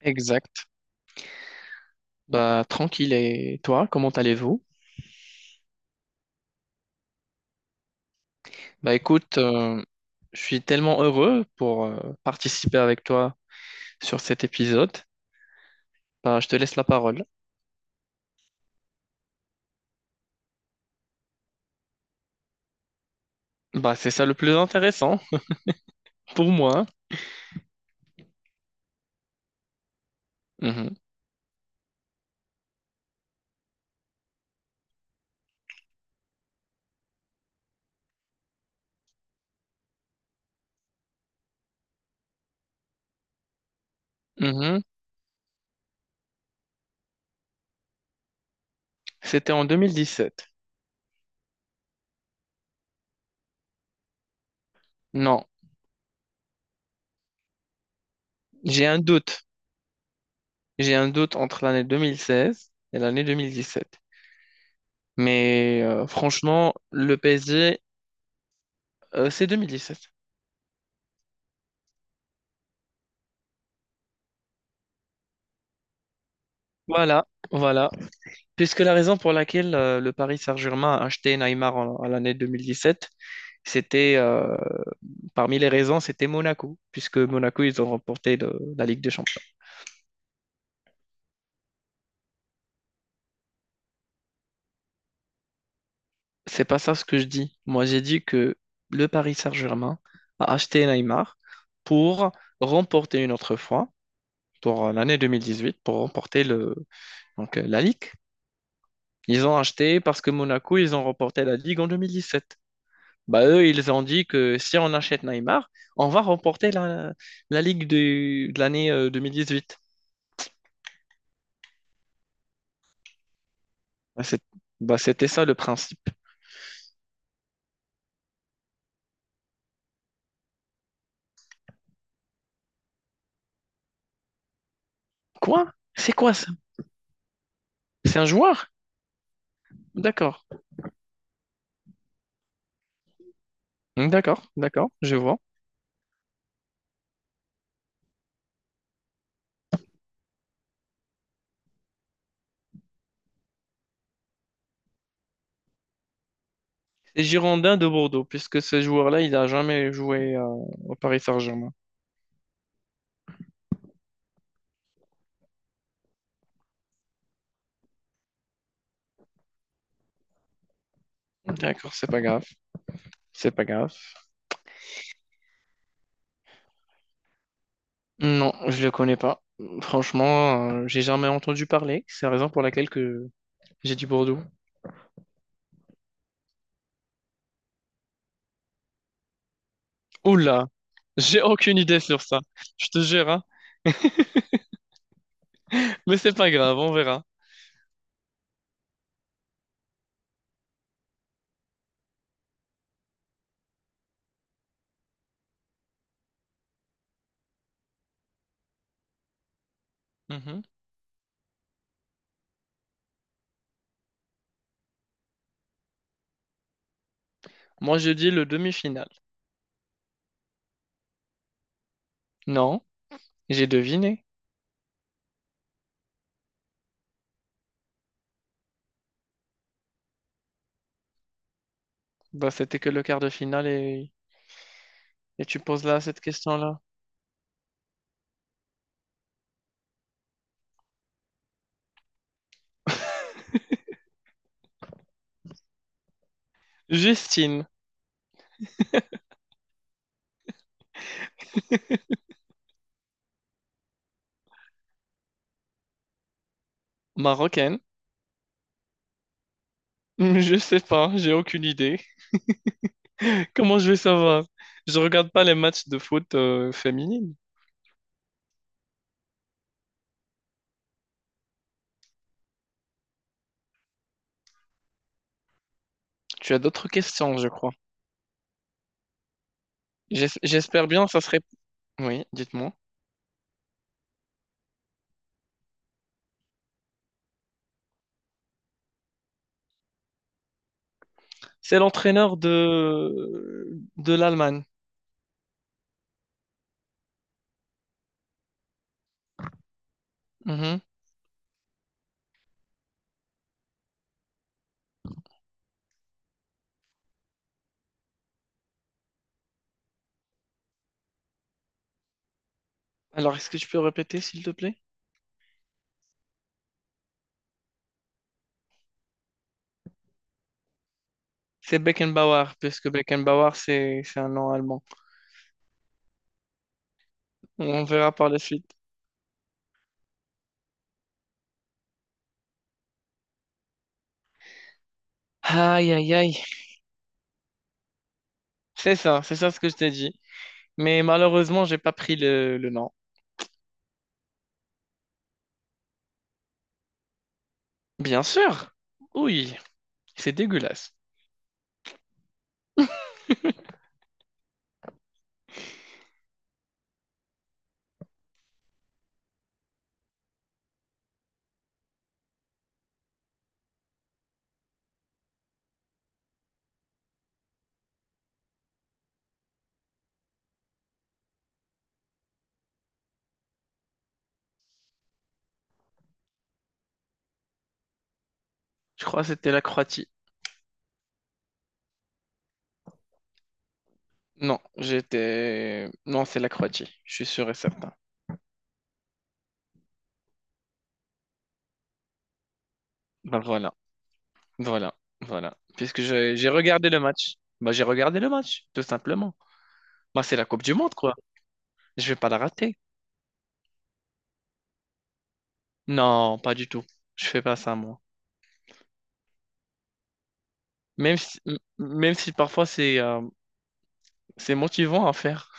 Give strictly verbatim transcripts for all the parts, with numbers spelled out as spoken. Exact. Bah, tranquille. Et toi, comment allez-vous? Bah, écoute, euh, je suis tellement heureux pour euh, participer avec toi sur cet épisode. Bah, je te laisse la parole. Bah, c'est ça le plus intéressant pour moi. Mhm. Mhm. C'était en deux mille dix-sept. Non, j'ai un doute. J'ai un doute entre l'année deux mille seize et l'année deux mille dix-sept. Mais euh, franchement, le P S G, euh, c'est deux mille dix-sept. Voilà, voilà. Puisque la raison pour laquelle euh, le Paris Saint-Germain a acheté Neymar en- à l'année deux mille dix-sept, c'était, euh, parmi les raisons, c'était Monaco, puisque Monaco, ils ont remporté le- la Ligue des Champions. C'est pas ça ce que je dis. Moi, j'ai dit que le Paris Saint-Germain a acheté Neymar pour remporter une autre fois, pour euh, l'année deux mille dix-huit, pour remporter le, donc, euh, la Ligue. Ils ont acheté parce que Monaco, ils ont remporté la Ligue en deux mille dix-sept. Bah eux, ils ont dit que si on achète Neymar, on va remporter la, la Ligue de, de l'année euh, deux mille dix-huit. Bah, c'est- bah, c'était ça le principe. Quoi? C'est quoi ça? C'est un joueur? D'accord. D'accord, d'accord, je vois. C'est Girondin de Bordeaux, puisque ce joueur-là, il n'a jamais joué euh, au Paris Saint-Germain. D'accord, c'est pas grave. C'est pas grave. Non, je le connais pas. Franchement, euh, j'ai jamais entendu parler. C'est la raison pour laquelle que j'ai dit Bordeaux. Oula, j'ai aucune idée sur ça. Je te jure, hein. Mais c'est pas grave, on verra. Mhm. Moi, je dis le demi-finale. Non, j'ai deviné. Bah, c'était que le quart de finale et, et tu poses là cette question-là. Justine, marocaine. Je sais pas, j'ai aucune idée. Comment je vais savoir? Je regarde pas les matchs de foot euh, féminine. Tu as d'autres questions, je crois. J'es- J'espère bien, ça serait... Oui, dites-moi. C'est l'entraîneur de, de l'Allemagne. Mhm. Alors, est-ce que tu peux répéter, s'il te plaît? C'est Beckenbauer, puisque Beckenbauer, c'est, c'est un nom allemand. On verra par la suite. Aïe, aïe, aïe. C'est ça, c'est ça ce que je t'ai dit. Mais malheureusement, j'ai pas pris le, le nom. Bien sûr. Oui, c'est dégueulasse. Je crois que c'était la Croatie. Non, j'étais... Non, c'est la Croatie. Je suis sûr et certain. Bah voilà, voilà, voilà. Puisque j'ai j'ai regardé le match. Bah j'ai regardé le match, tout simplement. Moi, c'est la Coupe du Monde, quoi. Je vais pas la rater. Non, pas du tout. Je fais pas ça, moi. Même si, m- même si parfois c'est euh, c'est motivant à faire.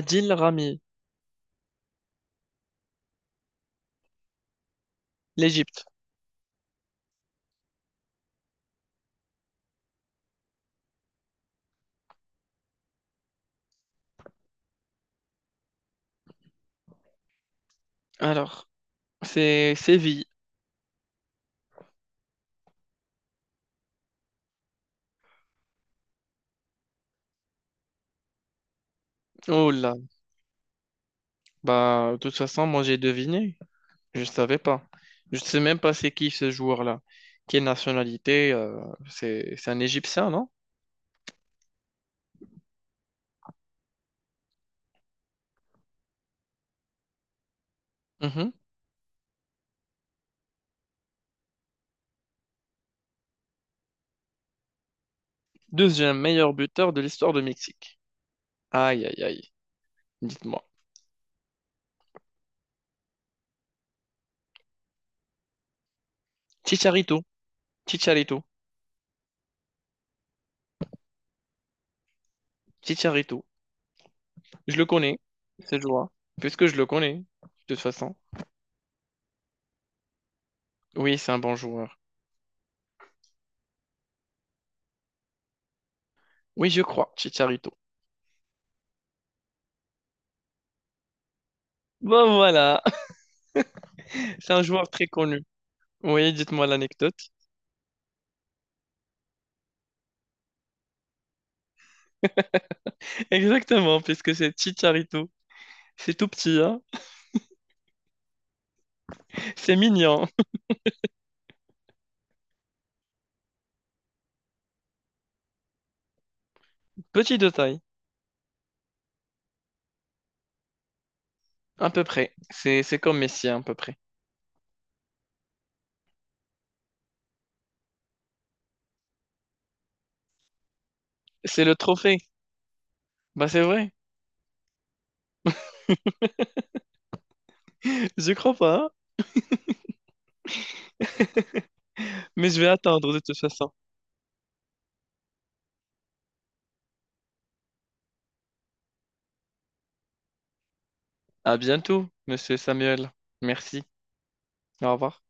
Adil Rami, l'Égypte. Alors, c'est Séville. Oh là. Bah, de toute façon, moi, j'ai deviné. Je savais pas. Je sais même pas c'est qui ce joueur-là. Quelle nationalité euh, c'est c'est un Égyptien, non? Mhm. Deuxième meilleur buteur de l'histoire de Mexique. Aïe, aïe, aïe. Dites-moi. Chicharito. Chicharito. Chicharito. Je le connais, ce joueur. Puisque je le connais, de toute façon. Oui, c'est un bon joueur. Oui, je crois, Chicharito. Bon, voilà. C'est un joueur très connu. Oui, dites-moi l'anecdote. Exactement, puisque c'est Chicharito. C'est tout petit, hein. C'est mignon. Petit de taille. À peu près. C'est, c'est comme Messi, à peu près. C'est le trophée. Bah, c'est vrai. Je crois pas, hein. Mais je vais attendre, de toute façon. À bientôt, monsieur Samuel. Merci. Au revoir.